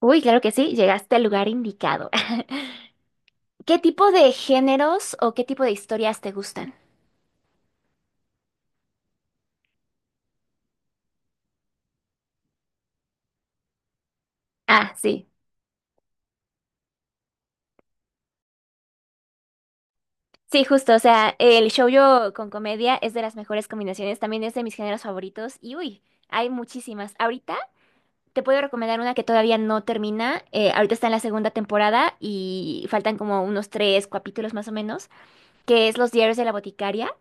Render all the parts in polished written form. Uy, claro que sí, llegaste al lugar indicado. ¿Qué tipo de géneros o qué tipo de historias te gustan? Ah, sí. Sí, justo, o sea, el shoujo con comedia es de las mejores combinaciones, también es de mis géneros favoritos y uy, hay muchísimas. Ahorita te puedo recomendar una que todavía no termina, ahorita está en la segunda temporada y faltan como unos tres capítulos más o menos, que es Los diarios de la boticaria.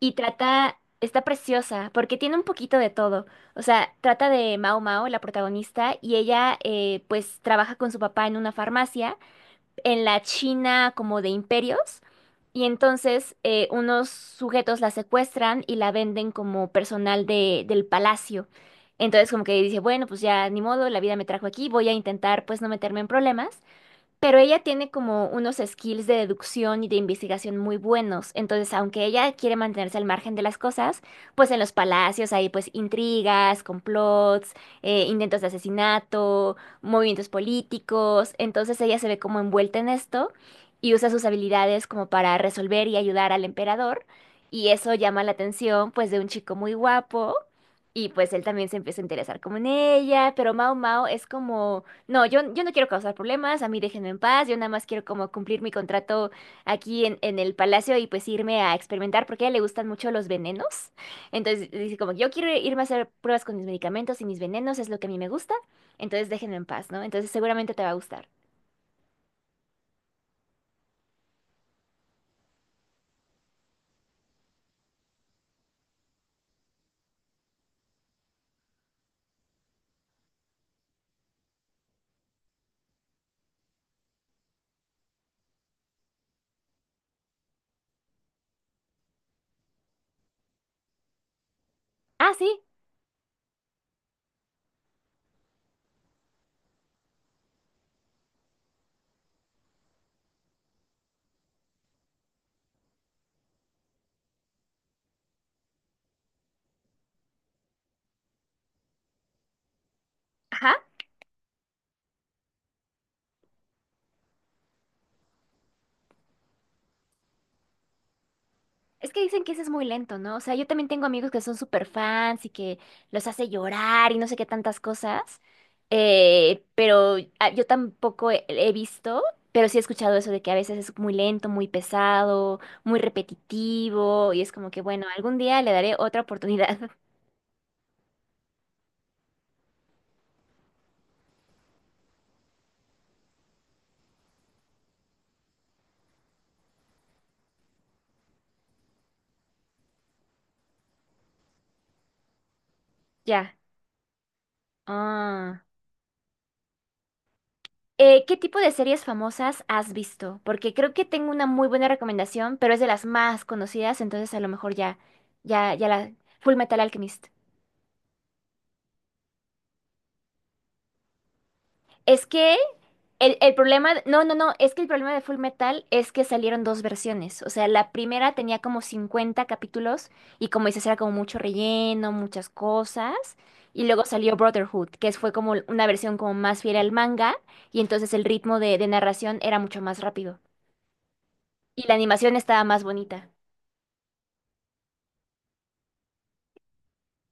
Y trata, está preciosa, porque tiene un poquito de todo. O sea, trata de Mao Mao, la protagonista, y ella pues trabaja con su papá en una farmacia, en la China como de imperios. Y entonces unos sujetos la secuestran y la venden como personal del palacio. Entonces como que dice, bueno, pues ya ni modo, la vida me trajo aquí, voy a intentar pues no meterme en problemas. Pero ella tiene como unos skills de deducción y de investigación muy buenos. Entonces, aunque ella quiere mantenerse al margen de las cosas, pues en los palacios hay pues intrigas, complots, intentos de asesinato, movimientos políticos. Entonces ella se ve como envuelta en esto y usa sus habilidades como para resolver y ayudar al emperador. Y eso llama la atención pues de un chico muy guapo. Y pues él también se empieza a interesar como en ella. Pero Mao Mao es como no, yo no quiero causar problemas, a mí déjenme en paz, yo nada más quiero como cumplir mi contrato aquí en el palacio y pues irme a experimentar porque a ella le gustan mucho los venenos. Entonces dice como, yo quiero irme a hacer pruebas con mis medicamentos y mis venenos es lo que a mí me gusta, entonces déjenme en paz, ¿no? Entonces seguramente te va a gustar. Ah, sí, ajá. Es que dicen que ese es muy lento, ¿no? O sea, yo también tengo amigos que son súper fans y que los hace llorar y no sé qué tantas cosas. Pero yo tampoco he visto, pero sí he escuchado eso de que a veces es muy lento, muy pesado, muy repetitivo y es como que, bueno, algún día le daré otra oportunidad. Ya. Ah. ¿Qué tipo de series famosas has visto? Porque creo que tengo una muy buena recomendación, pero es de las más conocidas, entonces a lo mejor ya. Full Metal Alchemist. Es que el problema, no, no, no, es que el problema de Full Metal es que salieron dos versiones. O sea, la primera tenía como 50 capítulos y como dices, era como mucho relleno, muchas cosas. Y luego salió Brotherhood, que fue como una versión como más fiel al manga y entonces el ritmo de narración era mucho más rápido. Y la animación estaba más bonita.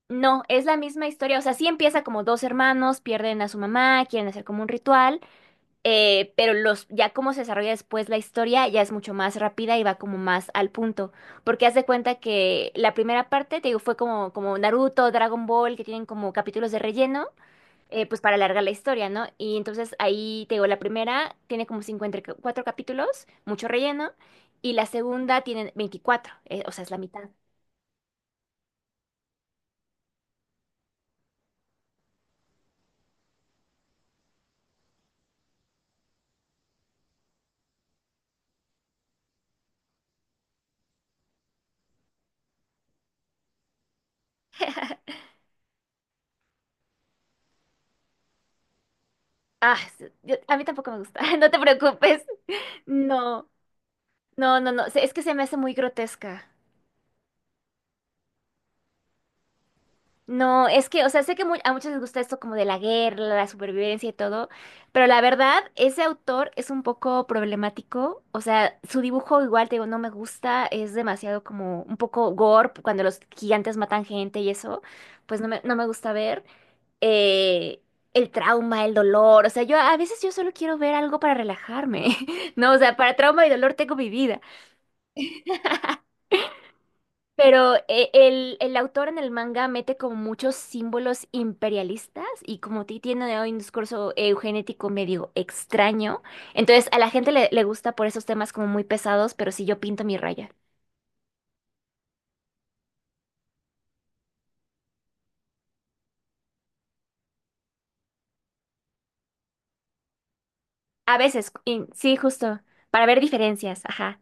No, es la misma historia. O sea, sí empieza como dos hermanos, pierden a su mamá, quieren hacer como un ritual. Ya cómo se desarrolla después la historia ya es mucho más rápida y va como más al punto. Porque haz de cuenta que la primera parte, te digo, fue como Naruto, Dragon Ball, que tienen como capítulos de relleno, pues para alargar la historia, ¿no? Y entonces ahí, te digo, la primera tiene como 54 capítulos, mucho relleno, y la segunda tiene 24 o sea, es la mitad. Ah, a mí tampoco me gusta, no te preocupes. No, no, no, no, es que se me hace muy grotesca. No, es que, o sea, sé que a muchos les gusta esto como de la guerra, la supervivencia y todo, pero la verdad, ese autor es un poco problemático, o sea, su dibujo igual, te digo, no me gusta, es demasiado como un poco gore, cuando los gigantes matan gente y eso, pues no me gusta ver eh, el trauma, el dolor, o sea, yo a veces yo solo quiero ver algo para relajarme, no, o sea, para trauma y dolor tengo mi vida. Pero el autor en el manga mete como muchos símbolos imperialistas y como ti tiene hoy un discurso eugenético medio extraño. Entonces a la gente le gusta por esos temas como muy pesados, pero sí yo pinto mi raya. A veces, sí, justo, para ver diferencias, ajá.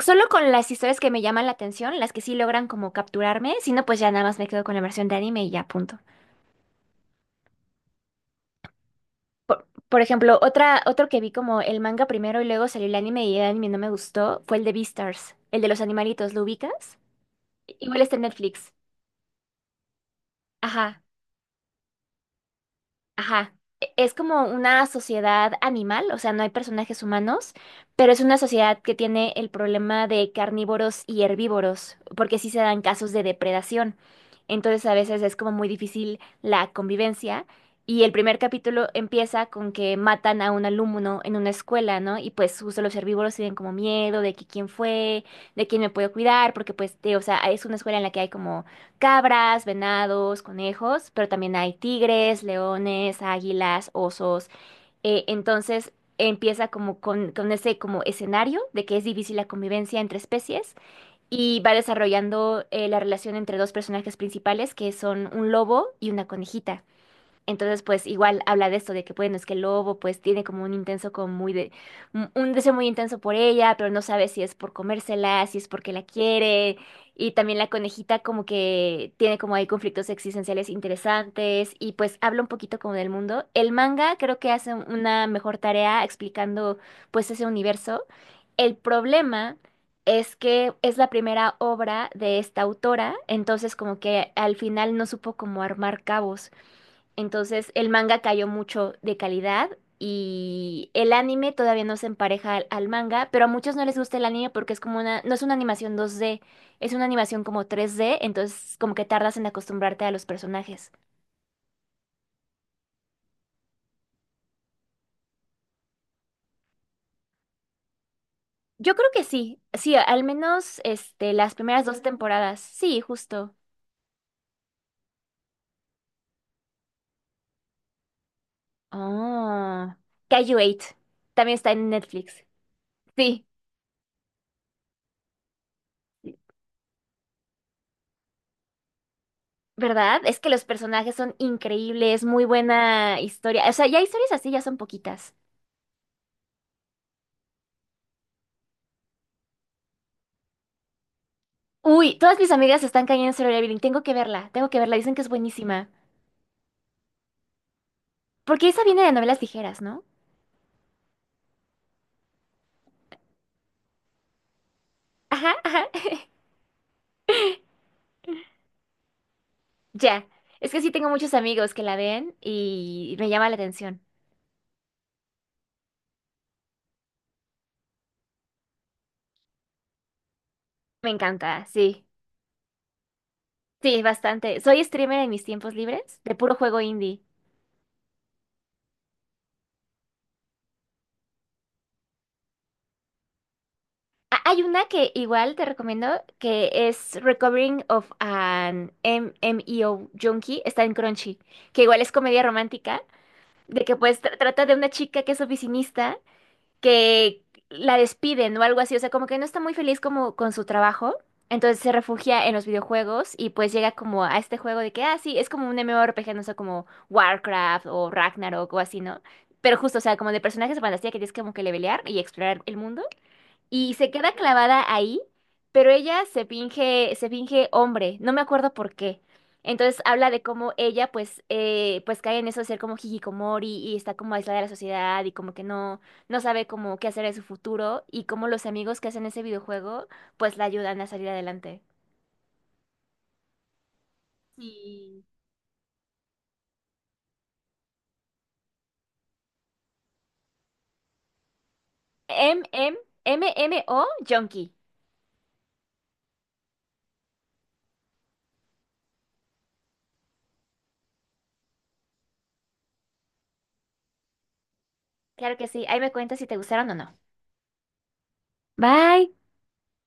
Solo con las historias que me llaman la atención, las que sí logran como capturarme, si no, pues ya nada más me quedo con la versión de anime y ya punto. Por ejemplo, otro que vi como el manga primero y luego salió el anime y el anime no me gustó fue el de Beastars, el de los animalitos, ¿lo ubicas? Igual está en Netflix. Ajá. Ajá. Es como una sociedad animal, o sea, no hay personajes humanos, pero es una sociedad que tiene el problema de carnívoros y herbívoros, porque sí se dan casos de depredación. Entonces a veces es como muy difícil la convivencia. Y el primer capítulo empieza con que matan a un alumno en una escuela, ¿no? Y pues justo los herbívoros tienen como miedo de que quién fue, de quién me puedo cuidar, porque pues, o sea, es una escuela en la que hay como cabras, venados, conejos, pero también hay tigres, leones, águilas, osos. Entonces empieza como con, ese como escenario de que es difícil la convivencia entre especies y va desarrollando la relación entre dos personajes principales que son un lobo y una conejita. Entonces, pues igual habla de esto, de que bueno, es que el lobo pues tiene como un intenso, un deseo muy intenso por ella, pero no sabe si es por comérsela, si es porque la quiere. Y también la conejita como que tiene como hay conflictos existenciales interesantes y pues habla un poquito como del mundo. El manga creo que hace una mejor tarea explicando pues ese universo. El problema es que es la primera obra de esta autora, entonces como que al final no supo cómo armar cabos. Entonces, el manga cayó mucho de calidad y el anime todavía no se empareja al manga, pero a muchos no les gusta el anime porque es como una, no es una animación 2D, es una animación como 3D, entonces como que tardas en acostumbrarte a los personajes. Yo creo que sí, sí, al menos este, las primeras dos temporadas, sí, justo. Oh, Kaiju 8, también está en Netflix. Sí. ¿Verdad? Es que los personajes son increíbles, muy buena historia. O sea, ya historias así ya son poquitas. Uy, todas mis amigas están cayendo en Solo Leveling. Tengo que verla, tengo que verla. Dicen que es buenísima. Porque esa viene de novelas ligeras, ¿no? Ajá, ajá. Ya. Es que sí tengo muchos amigos que la ven y me llama la atención. Me encanta, sí. Sí, bastante. Soy streamer en mis tiempos libres de puro juego indie. Ah, hay una que igual te recomiendo que es Recovering of an MMEO Junkie. Está en Crunchy. Que igual es comedia romántica. De que pues trata de una chica que es oficinista que la despiden o algo así, o sea, como que no está muy feliz como con su trabajo, entonces se refugia en los videojuegos y pues llega como a este juego de que, ah, sí, es como un MMORPG, no sé, como Warcraft o Ragnarok o así, ¿no? Pero justo, o sea, como de personajes de fantasía que tienes como que levelear y explorar el mundo y se queda clavada ahí, pero ella se finge hombre, no me acuerdo por qué. Entonces habla de cómo ella pues, pues cae en eso de ser como hikikomori y está como aislada de la sociedad y como que no, no sabe como qué hacer en su futuro y cómo los amigos que hacen ese videojuego pues la ayudan a salir adelante. Sí. MMMMO Junkie. Claro que sí, ahí me cuentas si te gustaron o no. Bye.